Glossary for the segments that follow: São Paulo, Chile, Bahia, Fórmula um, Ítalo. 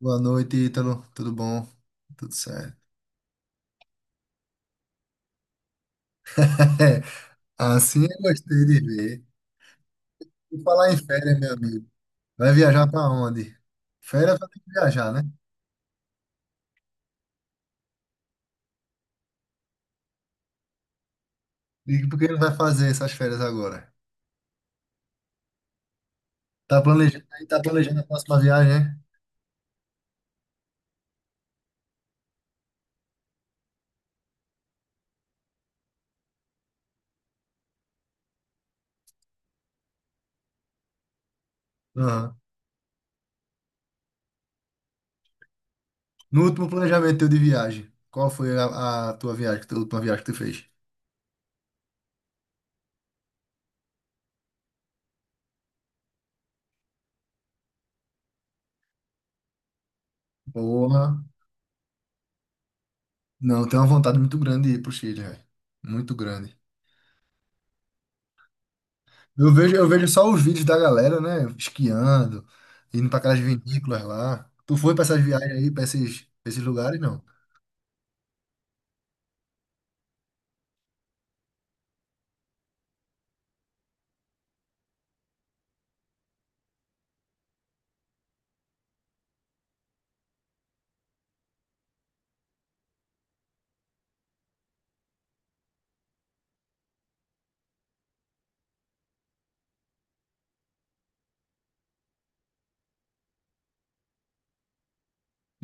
Boa noite, Ítalo. Tudo bom? Tudo certo. Assim eu gostei de ver. E falar em férias, meu amigo. Vai viajar pra onde? Férias vai ter que viajar, né? E por que não vai fazer essas férias agora? Tá planejando, aí tá planejando a próxima viagem, né? Aham. No último planejamento teu de viagem, qual foi a tua viagem, a última viagem que tu fez? Porra. Não, tenho uma vontade muito grande de ir pro Chile, velho. Muito grande. Eu vejo só os vídeos da galera, né? Esquiando, indo para aquelas vinícolas lá. Tu foi para essas viagens aí, para esses lugares, não?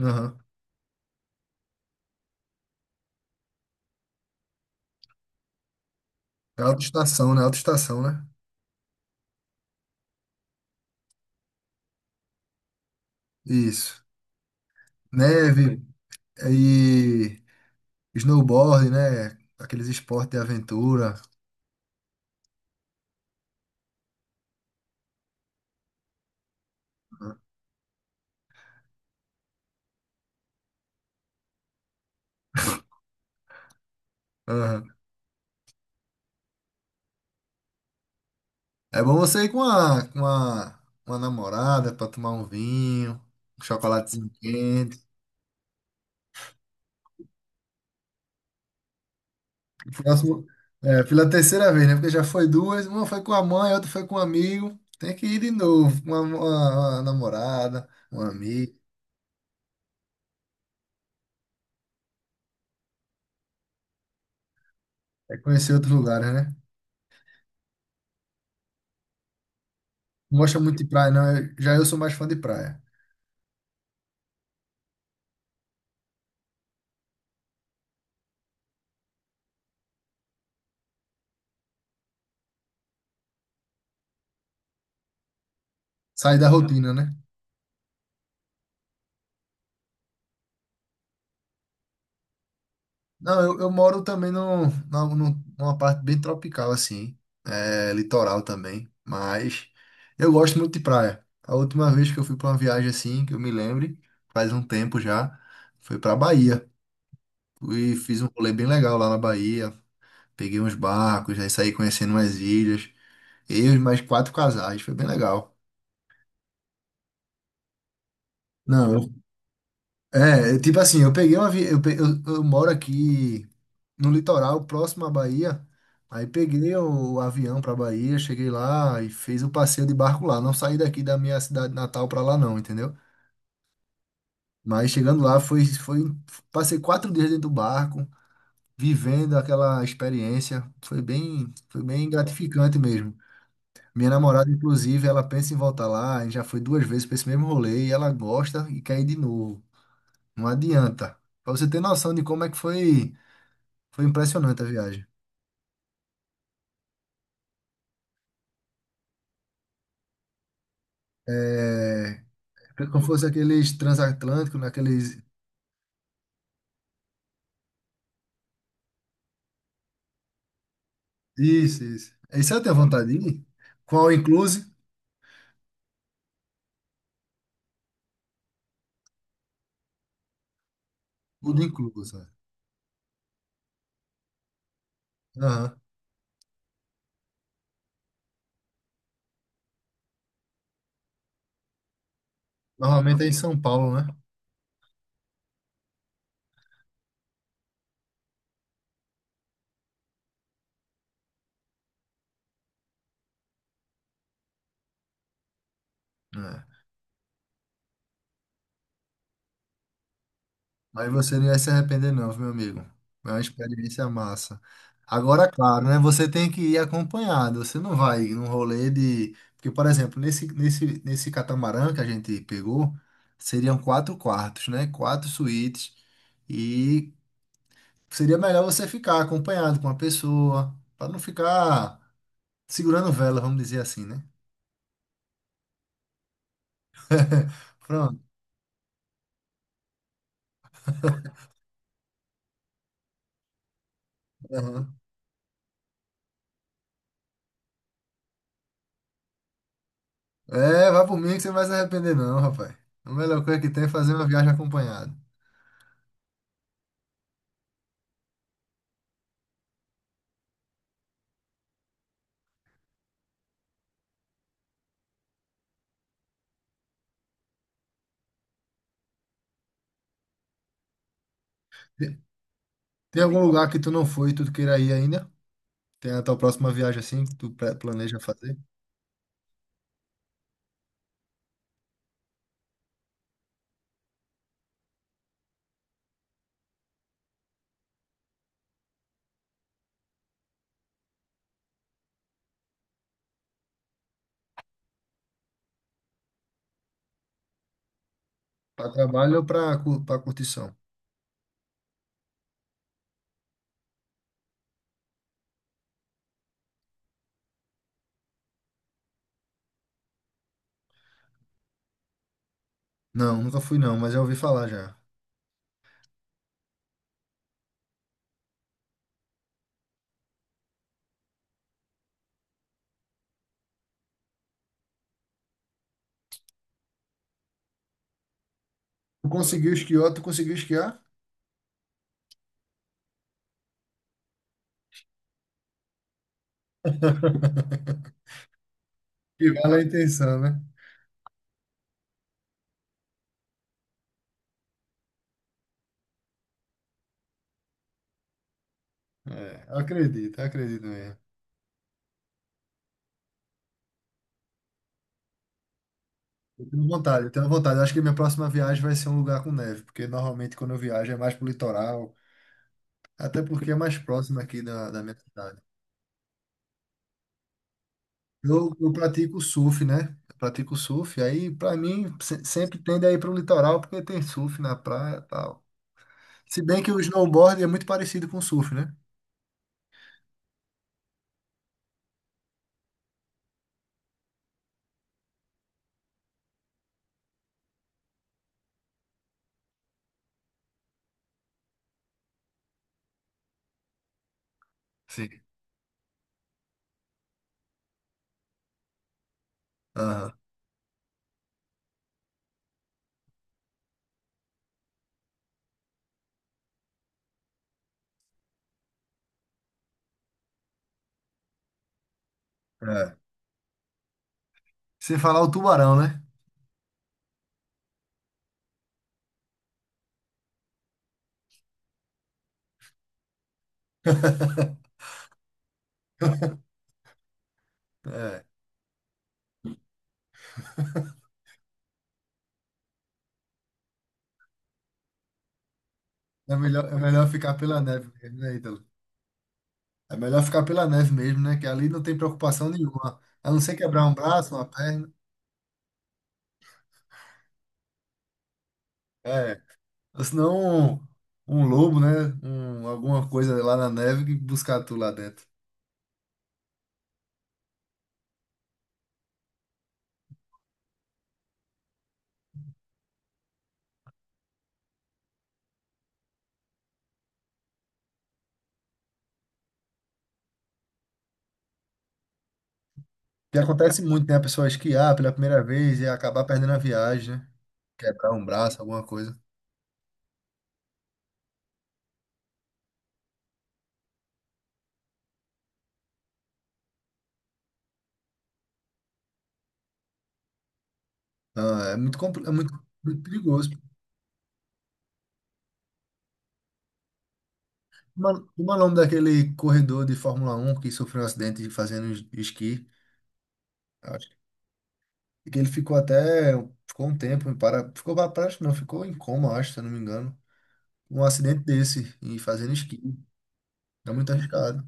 Aham. É autoestação, né? Isso. Neve e snowboard, né? Aqueles esportes de aventura. Aham. É bom você ir com uma namorada para tomar um vinho, um chocolatezinho quente. Próximo, é, pela terceira vez, né? Porque já foi duas, uma foi com a mãe, outra foi com um amigo. Tem que ir de novo, com uma namorada, um amigo, é conhecer outros lugares, né? Não gosta muito de praia, não. Já eu sou mais fã de praia. Sair da rotina, né? Não, eu moro também numa parte bem tropical, assim, é, litoral também, mas eu gosto muito de praia. A última vez que eu fui para uma viagem assim, que eu me lembre, faz um tempo já, foi para Bahia. E fiz um rolê bem legal lá na Bahia. Peguei uns barcos, aí saí conhecendo umas ilhas. Eu e mais quatro casais, foi bem legal. Não, eu- é, eu- tipo assim, eu peguei uma. Vi- Eu, pe- eu moro aqui no litoral, próximo à Bahia. Aí peguei o, avião pra Bahia, cheguei lá e fiz o passeio de barco lá. Não saí daqui da minha cidade natal pra lá, não, entendeu? Mas chegando lá, passei quatro dias dentro do barco, vivendo aquela experiência. Foi bem gratificante mesmo. Minha namorada, inclusive, ela pensa em voltar lá, e já foi duas vezes para esse mesmo rolê, e ela gosta e quer ir de novo. Não adianta. Para você ter noção de como é que foi, foi impressionante a viagem. É, é como fosse aqueles transatlânticos, naqueles. Isso. Isso eu tenho vontade de ir. Qual inclusive? Tudo incluso. Né? Aham. Normalmente é em São Paulo, né? É. Mas você não ia se arrepender, não, meu amigo. É uma experiência massa. Agora, claro, né? Você tem que ir acompanhado. Você não vai num rolê de. Porque, por exemplo, nesse catamarã que a gente pegou, seriam quatro quartos, né? Quatro suítes. E seria melhor você ficar acompanhado com uma pessoa, para não ficar segurando vela, vamos dizer assim, né? Pronto. Aham. É, vai por mim que você não vai se arrepender, não, rapaz. A melhor coisa que tem é fazer uma viagem acompanhada. Tem algum lugar que tu não foi e tu queira ir ainda? Tem a tua próxima viagem assim que planeja fazer? Para trabalho ou para curtição? Não, nunca fui não, mas já ouvi falar já. Tu conseguiu esquiar? Que vale a intenção, né? É, eu acredito mesmo. Eu tenho vontade. Eu acho que minha próxima viagem vai ser um lugar com neve, porque normalmente quando eu viajo é mais pro litoral, até porque é mais próximo aqui da minha cidade. Eu pratico surf, né? Eu pratico surf. Aí, pra mim, sempre tende a ir pro litoral porque tem surf na praia e tal. Se bem que o snowboard é muito parecido com o surf, né? Sim. Aham. É. Sem falar o tubarão, né? É. É melhor ficar pela neve mesmo, né, Ítalo? É melhor ficar pela neve mesmo, né? Que ali não tem preocupação nenhuma. A não ser quebrar um braço, uma perna. É. Ou senão um lobo, né? Um, alguma coisa lá na neve que buscar tu lá dentro. Que acontece muito, né? A pessoa esquiar pela primeira vez e acabar perdendo a viagem, né? Quebrar um braço, alguma coisa. Não, muito perigoso. Uma como é o nome daquele corredor de Fórmula um que sofreu um acidente fazendo esqui? Acho que ele ficou até, ficou um tempo, ficou para prática, não, ficou em coma, acho, se eu não me engano. Um acidente desse, e fazendo esqui. É muito arriscado.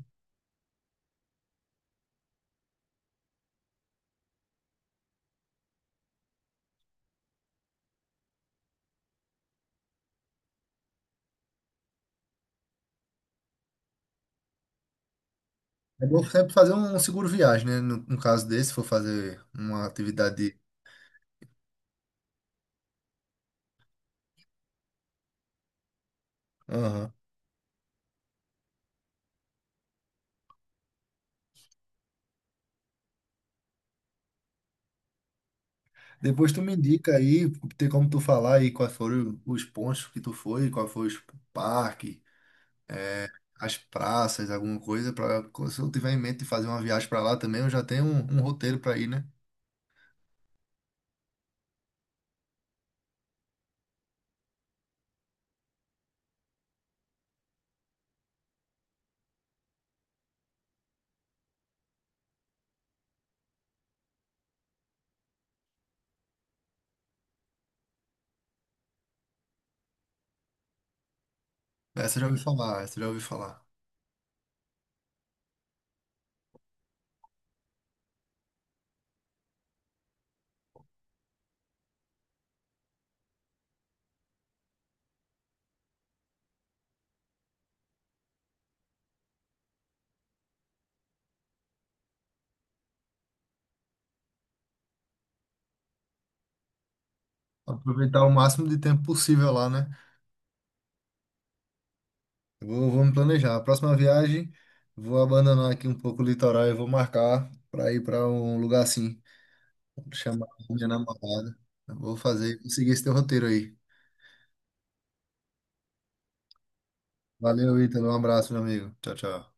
É bom sempre fazer um seguro viagem, né? No caso desse, se for fazer uma atividade. Aham. Depois tu me indica aí, tem como tu falar aí quais foram os pontos que tu foi, qual foi os parques, as praças, alguma coisa, para se eu tiver em mente de fazer uma viagem para lá também, eu já tenho um roteiro para ir, né? Essa eu já ouvi falar, essa eu já ouvi falar. Aproveitar o máximo de tempo possível lá, né? Eu vou me planejar. A próxima viagem, vou abandonar aqui um pouco o litoral e vou marcar para ir para um lugar assim, chamar a minha namorada. Eu vou seguir esse teu roteiro aí. Valeu, Ítalo. Um abraço, meu amigo. Tchau, tchau.